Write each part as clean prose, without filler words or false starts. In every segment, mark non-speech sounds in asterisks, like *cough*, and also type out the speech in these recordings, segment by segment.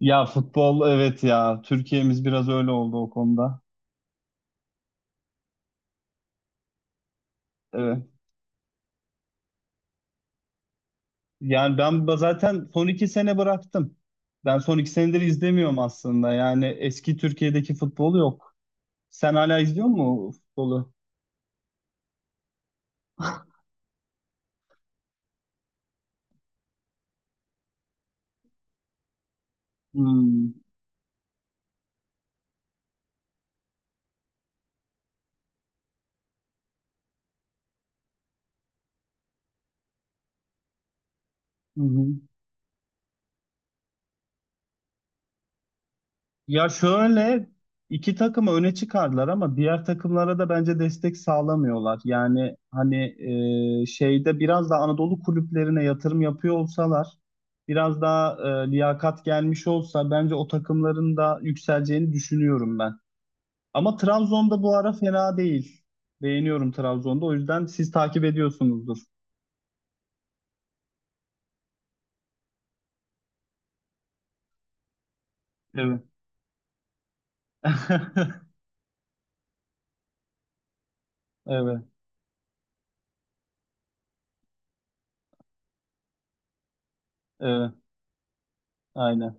Ya futbol evet ya. Türkiye'miz biraz öyle oldu o konuda. Evet. Yani ben zaten son iki sene bıraktım. Ben son iki senedir izlemiyorum aslında. Yani eski Türkiye'deki futbol yok. Sen hala izliyor musun futbolu? Hmm. Hı hı. Ya şöyle iki takımı öne çıkardılar ama diğer takımlara da bence destek sağlamıyorlar. Yani hani şeyde biraz da Anadolu kulüplerine yatırım yapıyor olsalar, biraz daha liyakat gelmiş olsa bence o takımların da yükseleceğini düşünüyorum ben. Ama Trabzon'da bu ara fena değil. Beğeniyorum Trabzon'da. O yüzden siz takip ediyorsunuzdur. Evet. *laughs* Evet, evet, aynen.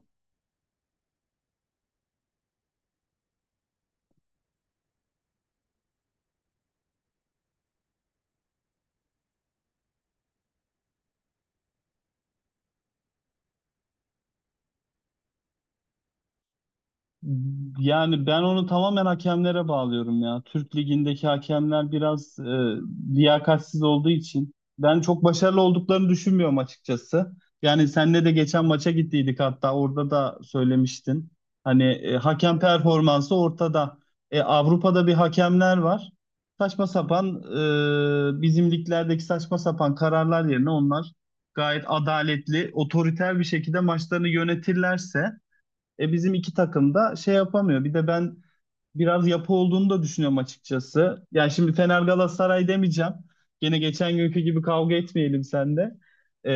Yani ben onu tamamen hakemlere bağlıyorum ya. Türk Ligi'ndeki hakemler biraz liyakatsiz olduğu için ben çok başarılı olduklarını düşünmüyorum açıkçası. Yani senle de geçen maça gittiydik hatta orada da söylemiştin. Hani hakem performansı ortada. Avrupa'da bir hakemler var. Saçma sapan bizim liglerdeki saçma sapan kararlar yerine onlar gayet adaletli, otoriter bir şekilde maçlarını yönetirlerse bizim iki takım da şey yapamıyor. Bir de ben biraz yapı olduğunu da düşünüyorum açıkçası. Yani şimdi Fener Galatasaray demeyeceğim. Gene geçen günkü gibi kavga etmeyelim sende. E,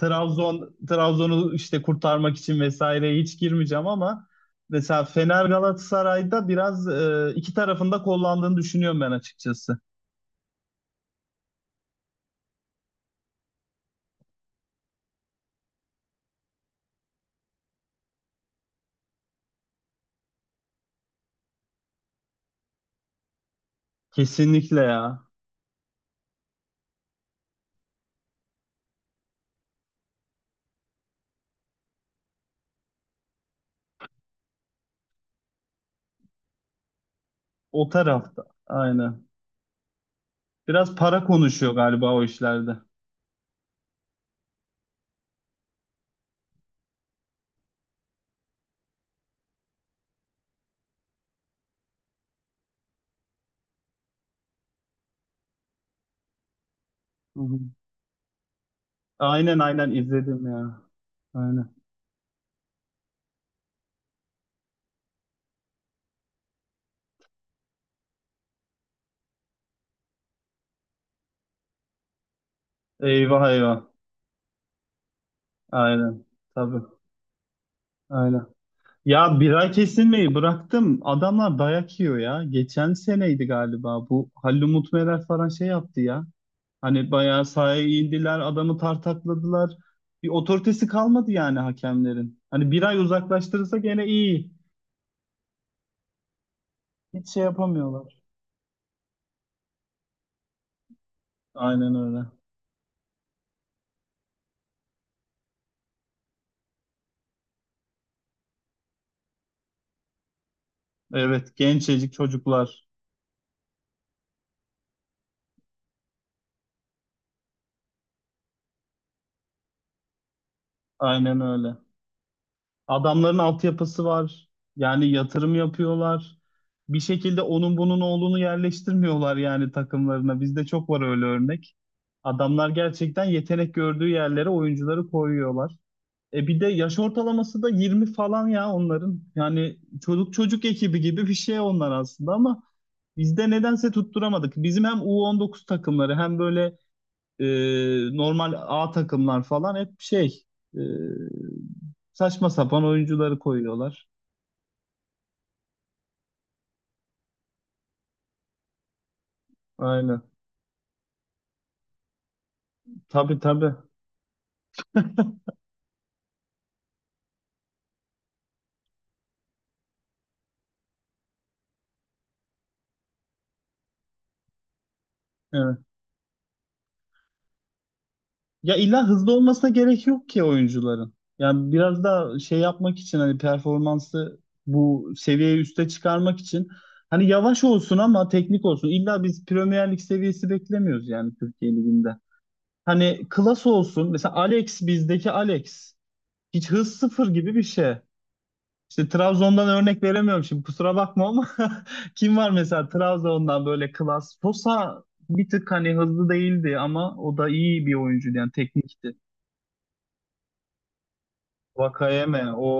Trabzon Trabzon'u işte kurtarmak için vesaire hiç girmeyeceğim ama mesela Fener Galatasaray'da biraz iki tarafında kollandığını düşünüyorum ben açıkçası. Kesinlikle ya. O tarafta. Aynen. Biraz para konuşuyor galiba o işlerde. Hı hı. Aynen, aynen izledim ya. Aynen. Eyvah, eyvah. Aynen. Tabii. Aynen. Ya bira kesilmeyi bıraktım. Adamlar dayak yiyor ya. Geçen seneydi galiba bu. Halil Umut Meler falan şey yaptı ya. Hani bayağı sahaya indiler. Adamı tartakladılar. Bir otoritesi kalmadı yani hakemlerin. Hani bir ay uzaklaştırırsa gene iyi. Hiç şey yapamıyorlar. Aynen öyle. Evet. Gençecik çocuklar. Aynen öyle. Adamların altyapısı var. Yani yatırım yapıyorlar. Bir şekilde onun bunun oğlunu yerleştirmiyorlar yani takımlarına. Bizde çok var öyle örnek. Adamlar gerçekten yetenek gördüğü yerlere oyuncuları koyuyorlar. Bir de yaş ortalaması da 20 falan ya onların. Yani çocuk çocuk ekibi gibi bir şey onlar aslında ama bizde nedense tutturamadık. Bizim hem U19 takımları hem böyle e, normal A takımlar falan hep şey e, saçma sapan oyuncuları koyuyorlar. Aynen. Tabii, tabii. Evet. Ya illa hızlı olmasına gerek yok ki oyuncuların. Yani biraz da şey yapmak için hani performansı bu seviyeyi üste çıkarmak için hani yavaş olsun ama teknik olsun. İlla biz Premier Lig seviyesi beklemiyoruz yani Türkiye Ligi'nde. Hani klas olsun. Mesela Alex, bizdeki Alex hiç hız, sıfır gibi bir şey. İşte Trabzon'dan örnek veremiyorum şimdi kusura bakma ama *laughs* kim var mesela Trabzon'dan böyle klas? Sosa bir tık hani hızlı değildi ama o da iyi bir oyuncuydu yani teknikti. Vakayeme o,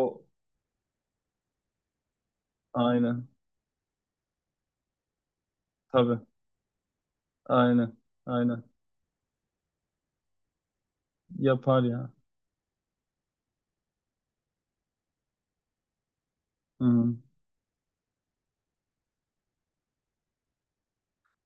aynen, tabii, aynen, aynen yapar ya. Hı.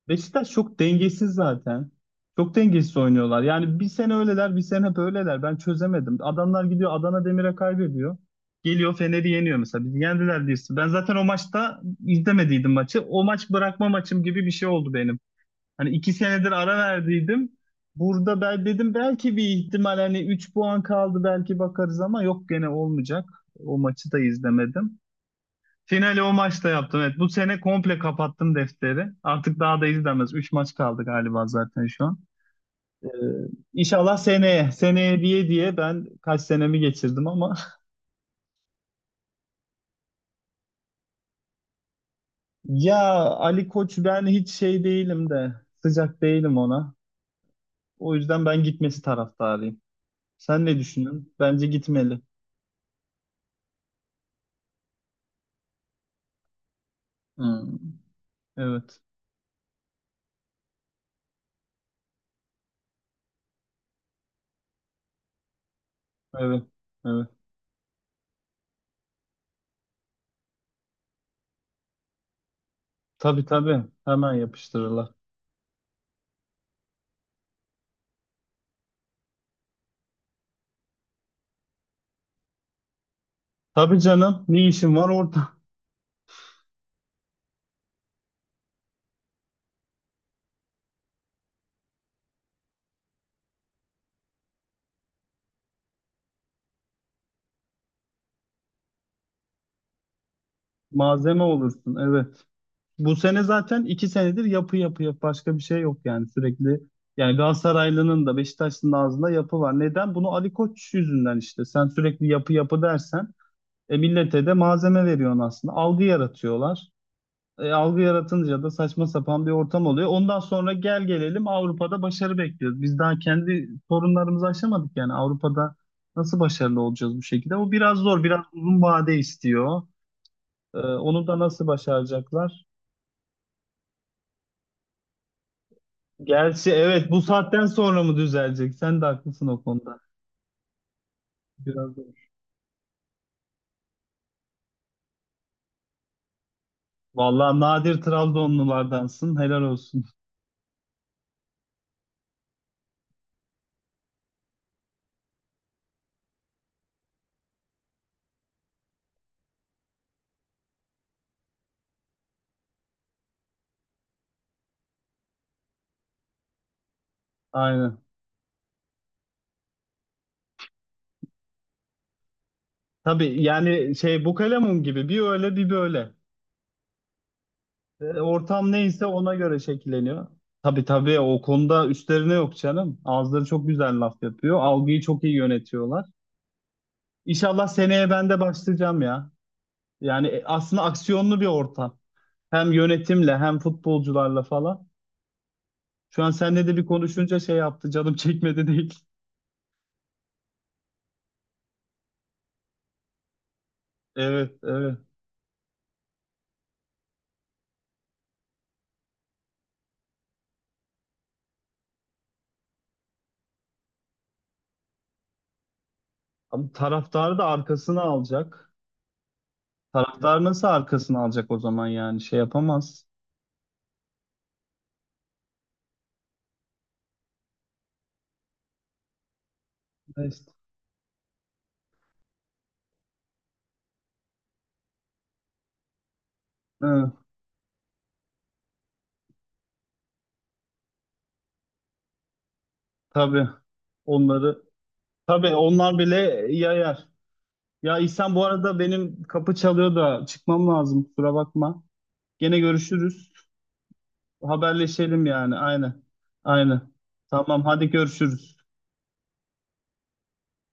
Beşiktaş çok dengesiz zaten. Çok dengesiz oynuyorlar. Yani bir sene öyleler, bir sene böyleler. Ben çözemedim. Adamlar gidiyor Adana Demir'e kaybediyor. Geliyor Fener'i yeniyor mesela. Bizi yendiler diyorsun. Ben zaten o maçta izlemediydim maçı. O maç bırakma maçım gibi bir şey oldu benim. Hani iki senedir ara verdiydim. Burada ben dedim belki bir ihtimal hani 3 puan kaldı belki bakarız ama yok gene olmayacak. O maçı da izlemedim. Finali o maçta yaptım. Evet, bu sene komple kapattım defteri. Artık daha da izlemez. 3 maç kaldı galiba zaten şu an. Ee, İnşallah seneye, seneye diye diye ben kaç senemi geçirdim ama *laughs* ya Ali Koç, ben hiç şey değilim de sıcak değilim ona. O yüzden ben gitmesi taraftarıyım. Sen ne düşünüyorsun? Bence gitmeli. Hmm. Evet, evet, evet. Tabii, tabii. Hemen yapıştırırlar. Tabii canım. Ne işin var orada? *laughs* Malzeme olursun. Evet. Bu sene zaten iki senedir yapı, yapı, yapı başka bir şey yok yani sürekli. Yani Galatasaraylı'nın da Beşiktaşlı'nın da ağzında yapı var. Neden? Bunu Ali Koç yüzünden işte. Sen sürekli yapı yapı dersen millete de malzeme veriyorsun aslında. Algı yaratıyorlar. Algı yaratınca da saçma sapan bir ortam oluyor. Ondan sonra gel gelelim Avrupa'da başarı bekliyoruz. Biz daha kendi sorunlarımızı aşamadık, yani Avrupa'da nasıl başarılı olacağız bu şekilde? O biraz zor, biraz uzun vade istiyor. Onu da nasıl başaracaklar? Gerçi evet, bu saatten sonra mı düzelecek? Sen de haklısın o konuda. Biraz zor. Vallahi nadir Trabzonlulardansın. Helal olsun. Aynen. Tabii yani şey, bu kalemun gibi bir öyle bir böyle. Ortam neyse ona göre şekilleniyor. Tabii, tabii, o konuda üstlerine yok canım. Ağızları çok güzel laf yapıyor. Algıyı çok iyi yönetiyorlar. İnşallah seneye ben de başlayacağım ya. Yani aslında aksiyonlu bir ortam. Hem yönetimle hem futbolcularla falan. Şu an seninle de bir konuşunca şey yaptı. Canım çekmedi değil. Evet, evet. Ama taraftarı da arkasına alacak. Taraftar nasıl arkasına alacak o zaman yani? Şey yapamaz. Neyse. Hı, tabii. Onları, tabii onlar bile yayar. Ya İhsan, bu arada benim kapı çalıyor da çıkmam lazım. Kusura bakma. Gene görüşürüz. Haberleşelim yani. Aynen. Aynen. Tamam, hadi görüşürüz.